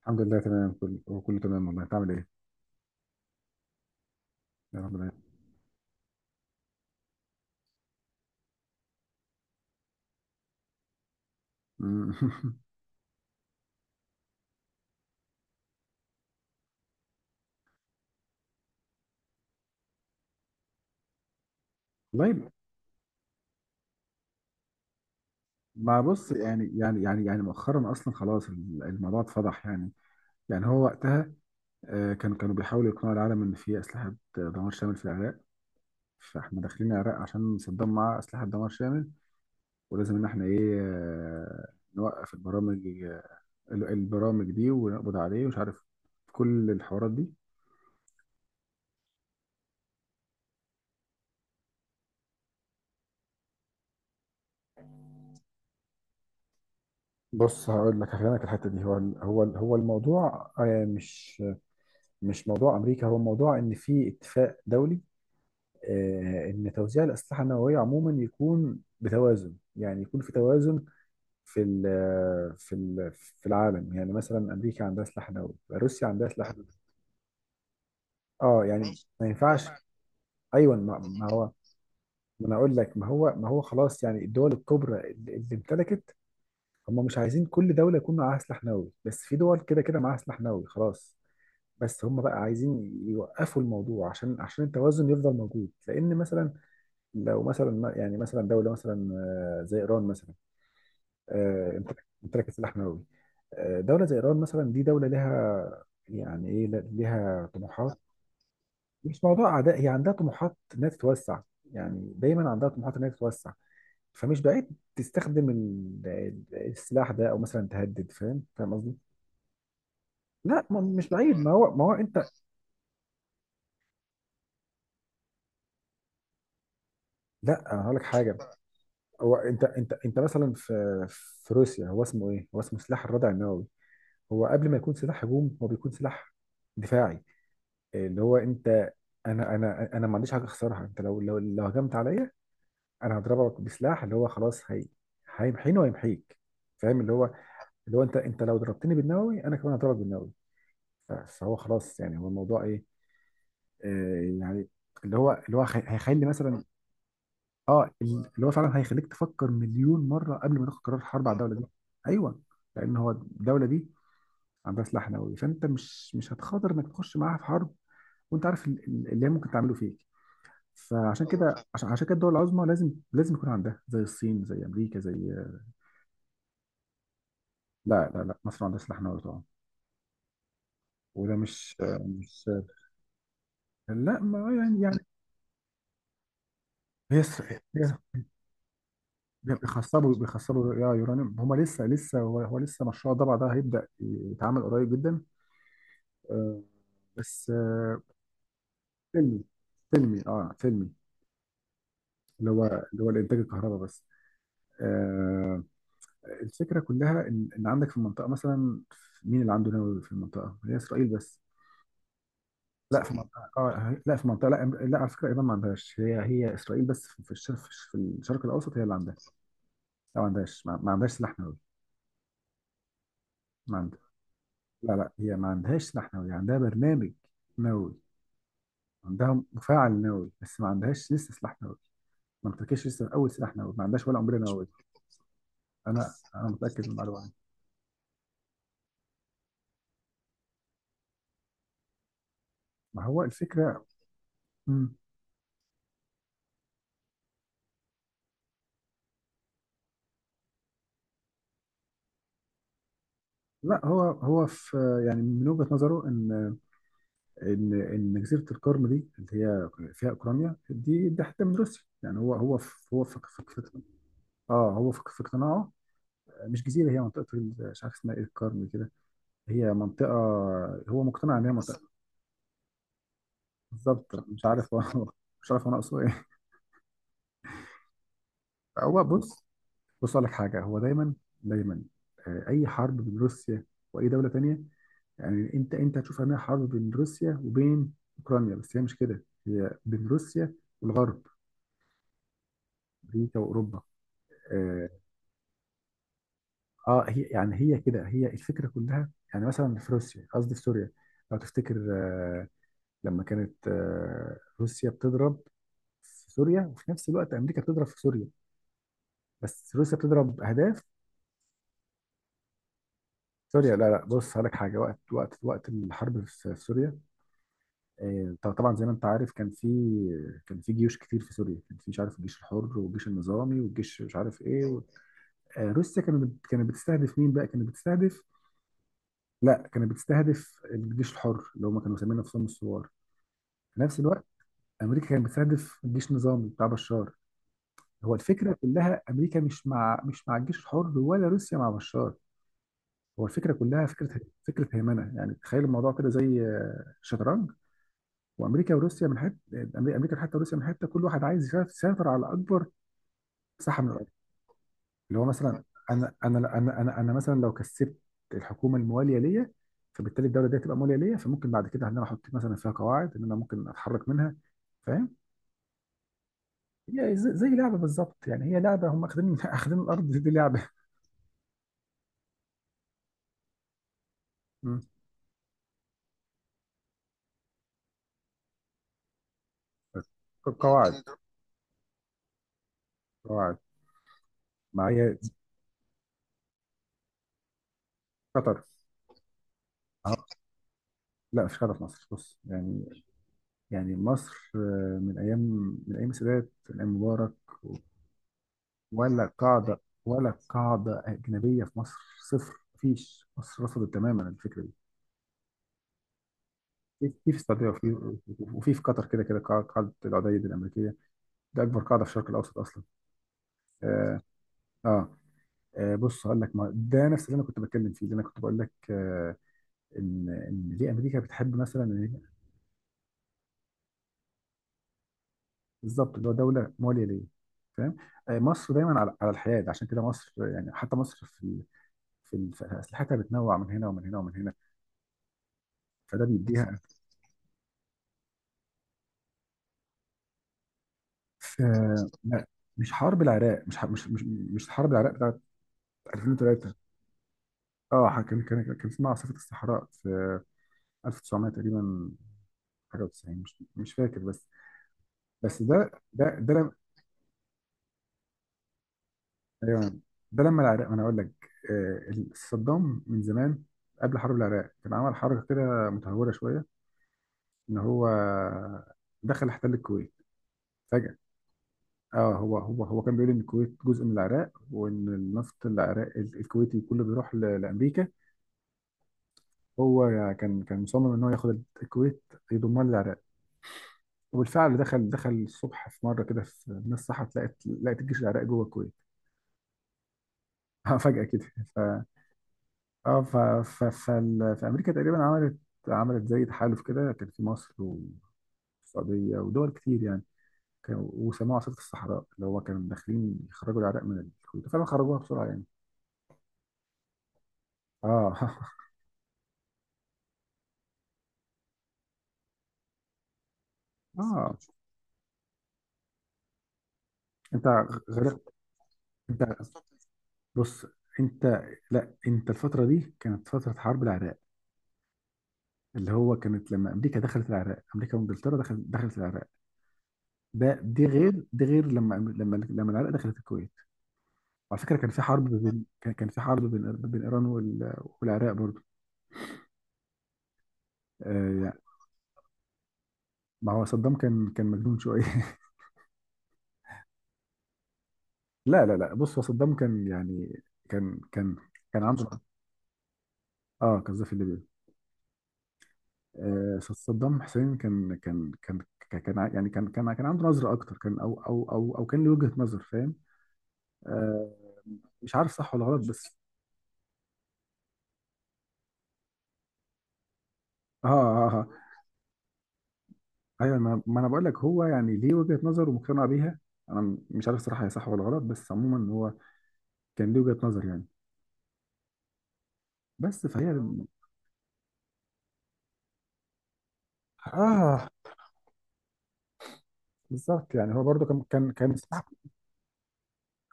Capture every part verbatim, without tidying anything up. الحمد لله تمام، كله كله تمام. والله انت عامل ايه؟ يا رب دايما. مم. والله. ما بص، يعني يعني يعني يعني مؤخرا اصلا خلاص ال- الموضوع اتفضح يعني. يعني هو وقتها، آه، كانوا كانوا بيحاولوا يقنعوا العالم ان في اسلحه دمار شامل في العراق. فاحنا داخلين العراق عشان صدام معاه اسلحه دمار شامل. ولازم ان احنا ايه، آه، نوقف البرامج، آه، ال- البرامج دي، ونقبض عليه ومش عارف كل الحوارات دي. بص هقول لك هفهمك الحته دي. هو هو هو الموضوع، آه، مش مش موضوع امريكا، هو موضوع ان في اتفاق دولي، آه، ان توزيع الاسلحه النوويه عموما يكون بتوازن، يعني يكون في توازن في ال في ال في العالم. يعني مثلا امريكا عندها سلاح نووي، روسيا عندها سلاح نووي. اه يعني ما ينفعش. ايوه، ما ما هو، ما انا اقول لك، ما هو ما هو خلاص، يعني الدول الكبرى اللي اللي امتلكت، هم مش عايزين كل دوله يكون معاها سلاح نووي، بس في دول كده كده معاها سلاح نووي خلاص. بس هم بقى عايزين يوقفوا الموضوع عشان عشان التوازن يفضل موجود، لان مثلا لو مثلا ما- يعني مثلا دوله مثلا، آه، زي ايران مثلا. آه، امتلكت امتلكت سلاح نووي. آه، دوله زي ايران مثلا، دي دوله لها يعني ايه، ل- لها طموحات. مش موضوع اعداء، هي عندها طموحات انها تتوسع، يعني دايما عندها طموحات انها تتوسع. فمش بعيد تستخدم ال- ال- السلاح ده، او مثلا تهدد. فاهم، فاهم قصدي؟ لا ما- مش بعيد، ما هو ما هو انت. لا انا هقول لك حاجه. هو انت انت انت مثلا في في روسيا، هو اسمه ايه؟ هو اسمه سلاح الردع النووي. هو قبل ما يكون سلاح هجوم، هو بيكون سلاح دفاعي. اللي هو انت، انا انا انا ما عنديش حاجه اخسرها. انت لو لو لو هجمت عليا، انا هضربك بسلاح اللي هو خلاص، هي هيمحيني ويمحيك. فاهم؟ اللي هو، اللي هو انت، انت لو ضربتني بالنووي انا كمان هضربك بالنووي. ف- فهو خلاص. يعني هو الموضوع ايه، آه يعني، اللي هو، اللي هو هي- هيخلي مثلا. اه، اللي هو فعلا هيخليك تفكر مليون مره قبل ما تاخد قرار حرب على الدوله دي. ايوه. لان هو الدوله دي عندها سلاح نووي، فانت مش مش هتخاطر انك تخش معاها في حرب، وانت عارف ال- ال- اللي هي ممكن تعمله فيك. فعشان اه كده، فاهم، عشان عشان كده الدول العظمى لازم لازم يكون عندها، زي الصين زي امريكا زي... لا لا لا مصر عندها سلاح نووي طبعا. وده مش فاهم، مش... لا، ما يعني يعني هي س- هي بيخصبوا بيخصبوا يا يورانيوم. هما لسه لسه، هو هو لسه مشروع الضبع ده هيبدأ يتعمل قريب جدا، آه، بس آه، فيلمي. فيلمي، اه فيلمي، اللي هو اللي هو الانتاج الكهرباء بس. آه، الفكرة كلها إن إن عندك في المنطقة مثلا. مين اللي عنده نووي في المنطقة؟ هي إسرائيل بس. لا في اسرائيل منطقة، آه لا في منطقة، لا لا على فكرة إيران ما عندهاش. هي هي إسرائيل بس في في الشرق في الشرق الأوسط هي اللي عندها. لا، ما عندهاش، ما ما عندهاش سلاح نووي، ما عندها. لا، لا، هي ما عندهاش سلاح نووي، عندها برنامج نووي، عندها مفاعل نووي بس ما عندهاش لسه سلاح نووي. ما امتلكتش لسه أول سلاح نووي، ما عندهاش ولا قنبلة نووية. أنا أنا متأكد من المعلومة دي. ما هو الفكرة. مم. لا هو هو في، يعني من وجهة نظره إن ان ان جزيره القرم دي اللي هي فيها اوكرانيا، دي دي حته من روسيا. يعني هو هو في هو في في في، اه هو في في اقتناعه. مش جزيره، هي منطقه ال- مش عارف اسمها ايه، القرم كده. هي منطقه. هو مقتنع ان هي منطقه أصلا. بالظبط، مش عارف هو مش عارف انا اقصد ايه. هو بص، بص اقول لك حاجه. هو دايما دايما آه، اي حرب بين روسيا واي دوله تانيه، يعني انت انت هتشوف انها حرب بين روسيا وبين اوكرانيا، بس هي مش كده، هي بين روسيا والغرب، امريكا واوروبا. آه، اه هي يعني، هي كده، هي الفكره كلها. يعني مثلا في روسيا، قصدي في سوريا، لو تفتكر، آه، لما كانت آه، روسيا بتضرب في سوريا، وفي نفس الوقت امريكا بتضرب في سوريا، بس روسيا بتضرب اهداف سوريا. لا لا بص هقول لك حاجه، وقت وقت وقت الحرب في في سوريا، آه، طب- طبعا زي ما انت عارف، كان في، كان في جيوش كتير في سوريا. كان في مش عارف، الجيش الحر والجيش النظامي والجيش مش عارف ايه و... آه، روسيا كانت بت- كانت بتستهدف مين بقى؟ كانت بتستهدف... لا كانت بتستهدف الجيش الحر، اللي هم كانوا مسميين نفسهم الثوار. في نفس الوقت امريكا كانت بتستهدف جيش نظامي بتاع بشار. هو الفكره كلها، امريكا مش مع، مش مع الجيش الحر، ولا روسيا مع بشار. هو الفكره كلها فكره، فكره هيمنه. يعني تخيل الموضوع كده زي، آه، الشطرنج. وامريكا وروسيا، من حته امريكا حتى روسيا، من حته كل واحد عايز يسيطر على اكبر مساحه من، اللي هو مثلا. انا انا انا انا انا مثلا لو كسبت الحكومه المواليه ليا، فبالتالي الدوله دي هتبقى مواليه ليا، فممكن بعد كده ان انا احط مثلا فيها قواعد، ان انا ممكن اتحرك منها. فاهم؟ هي زي زي لعبه بالظبط. يعني هي لعبه، هم اخدين اخدين الارض دي لعبه. مم. بس قواعد، قواعد، مع هي قطر. لا مش قطر، في مصر، بص يعني، يعني مصر، آه، من ايام، من ايام السادات، من ايام مبارك، ولا قاعده، ولا قاعده اجنبيه في مصر. صفر. مفيش. مصر رفضت تماما الفكره دي. في في في السعوديه، وفي، وفي في قطر، كده كده قاع- قاعده العديد الامريكيه. ده اكبر قاعده في الشرق الاوسط اصلا. اه، آه. آه، بص هقول لك، ما ده نفس اللي انا كنت بتكلم فيه، اللي انا كنت بقول لك آه، ان ان ليه امريكا بتحب مثلا إن هي- بالظبط اللي هو دوله مواليه ليه. فاهم؟ آه، مصر دايما على على الحياد، عشان كده مصر يعني، حتى مصر في ال- في ال- في اسلحتها بتنوع من هنا ومن هنا ومن هنا. فده بيديها. ف- لا مش حرب العراق، مش ح- مش مش مش حرب العراق بتاعت ألفين وتلاته. اه ح- كان كان كان اسمها عاصفة الصحراء في ألف وتسعميه تقريبا، حاجة و90، مش مش فاكر بس. بس ده ده ده لم... أيوة، ده لما العراق، ما انا اقول لك، آه، ال- صدام من زمان قبل حرب العراق كان عمل حركة كده متهورة شوية، ان هو دخل احتل الكويت فجأة. اه، هو هو هو كان بيقول ان الكويت جزء من العراق، وان النفط العراق ال- الكويتي كله بيروح ل- لامريكا. هو كان كان مصمم ان هو ياخد الكويت يضمها للعراق. وبالفعل دخل دخل الصبح في مره كده، في الناس صحت لقت لقت الجيش العراقي جوه الكويت. اه فجاه كده. ف اه، ف... ف... فال... فامريكا تقريبا عملت، عملت زي تحالف كده، كان في مصر والسعوديه ودول كتير يعني. كانوا، وسموه عاصفه الصحراء، اللي هو كانوا داخلين يخرجوا العراق من الكويت، فعلا خرجوها بسرعه يعني. اه اه، انت غرقت. انت بص، انت... لا انت الفتره دي كانت فتره حرب العراق، اللي هو كانت لما امريكا دخلت العراق، امريكا وانجلترا دخلت دخلت العراق. ده دي غير، دي غير لما لما لما العراق دخلت الكويت. وعلى فكره كان في حرب بين، كان كان في حرب بين بين ايران وال- والعراق برضه. آه يعني، ما هو صدام كان كان مجنون شويه لا لا لا بص، هو صدام كان يعني، كان كان كان عنده... اه قذافي في ليبيا. آه صدام حسين كان كان كان كان كان ع- يعني كان كان كان عنده نظره اكتر، كان، او او او او كان له وجهه نظر. فاهم؟ آه مش عارف صح ولا غلط بس. اه، اه، آه. ايوه، ما ما انا بقول لك، هو يعني ليه وجهة نظر ومقتنع بيها. انا م- مش عارف صراحة هي صح ولا غلط، بس عموما هو كان ليه وجهة نظر يعني، بس فهي اه. بالظبط، يعني هو برضه كان كان كان صح.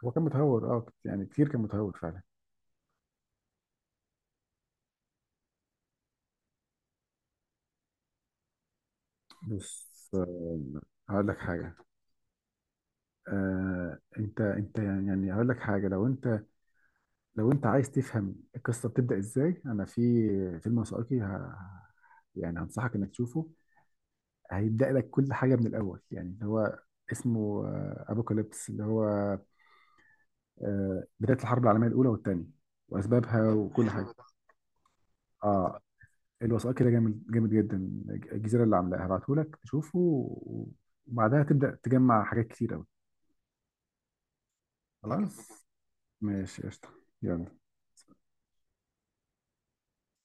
هو كان متهور اه، يعني كتير كان متهور فعلا. بص، آه، هقول لك حاجة. آه انت، انت يعني يعني هقول لك حاجة، لو انت، لو انت عايز تفهم القصة بتبدأ ازاي، انا في فيلم وثائقي، ه- يعني هنصحك انك تشوفه، هيبدأ لك كل حاجة من الأول، يعني اللي هو اسمه أبوكاليبس، اللي هو، آه، بداية الحرب العالمية الأولى والثانية وأسبابها وكل حاجة. حلو ده، اه. الوثائقي كده جامد جامد جدا، الجزيرة اللي عاملاها. هبعته لك تشوفه و-، وبعدها تبدأ تجمع حاجات كتير أوي. جامد جدا، خلاص، ماشي، قشطة، يلا.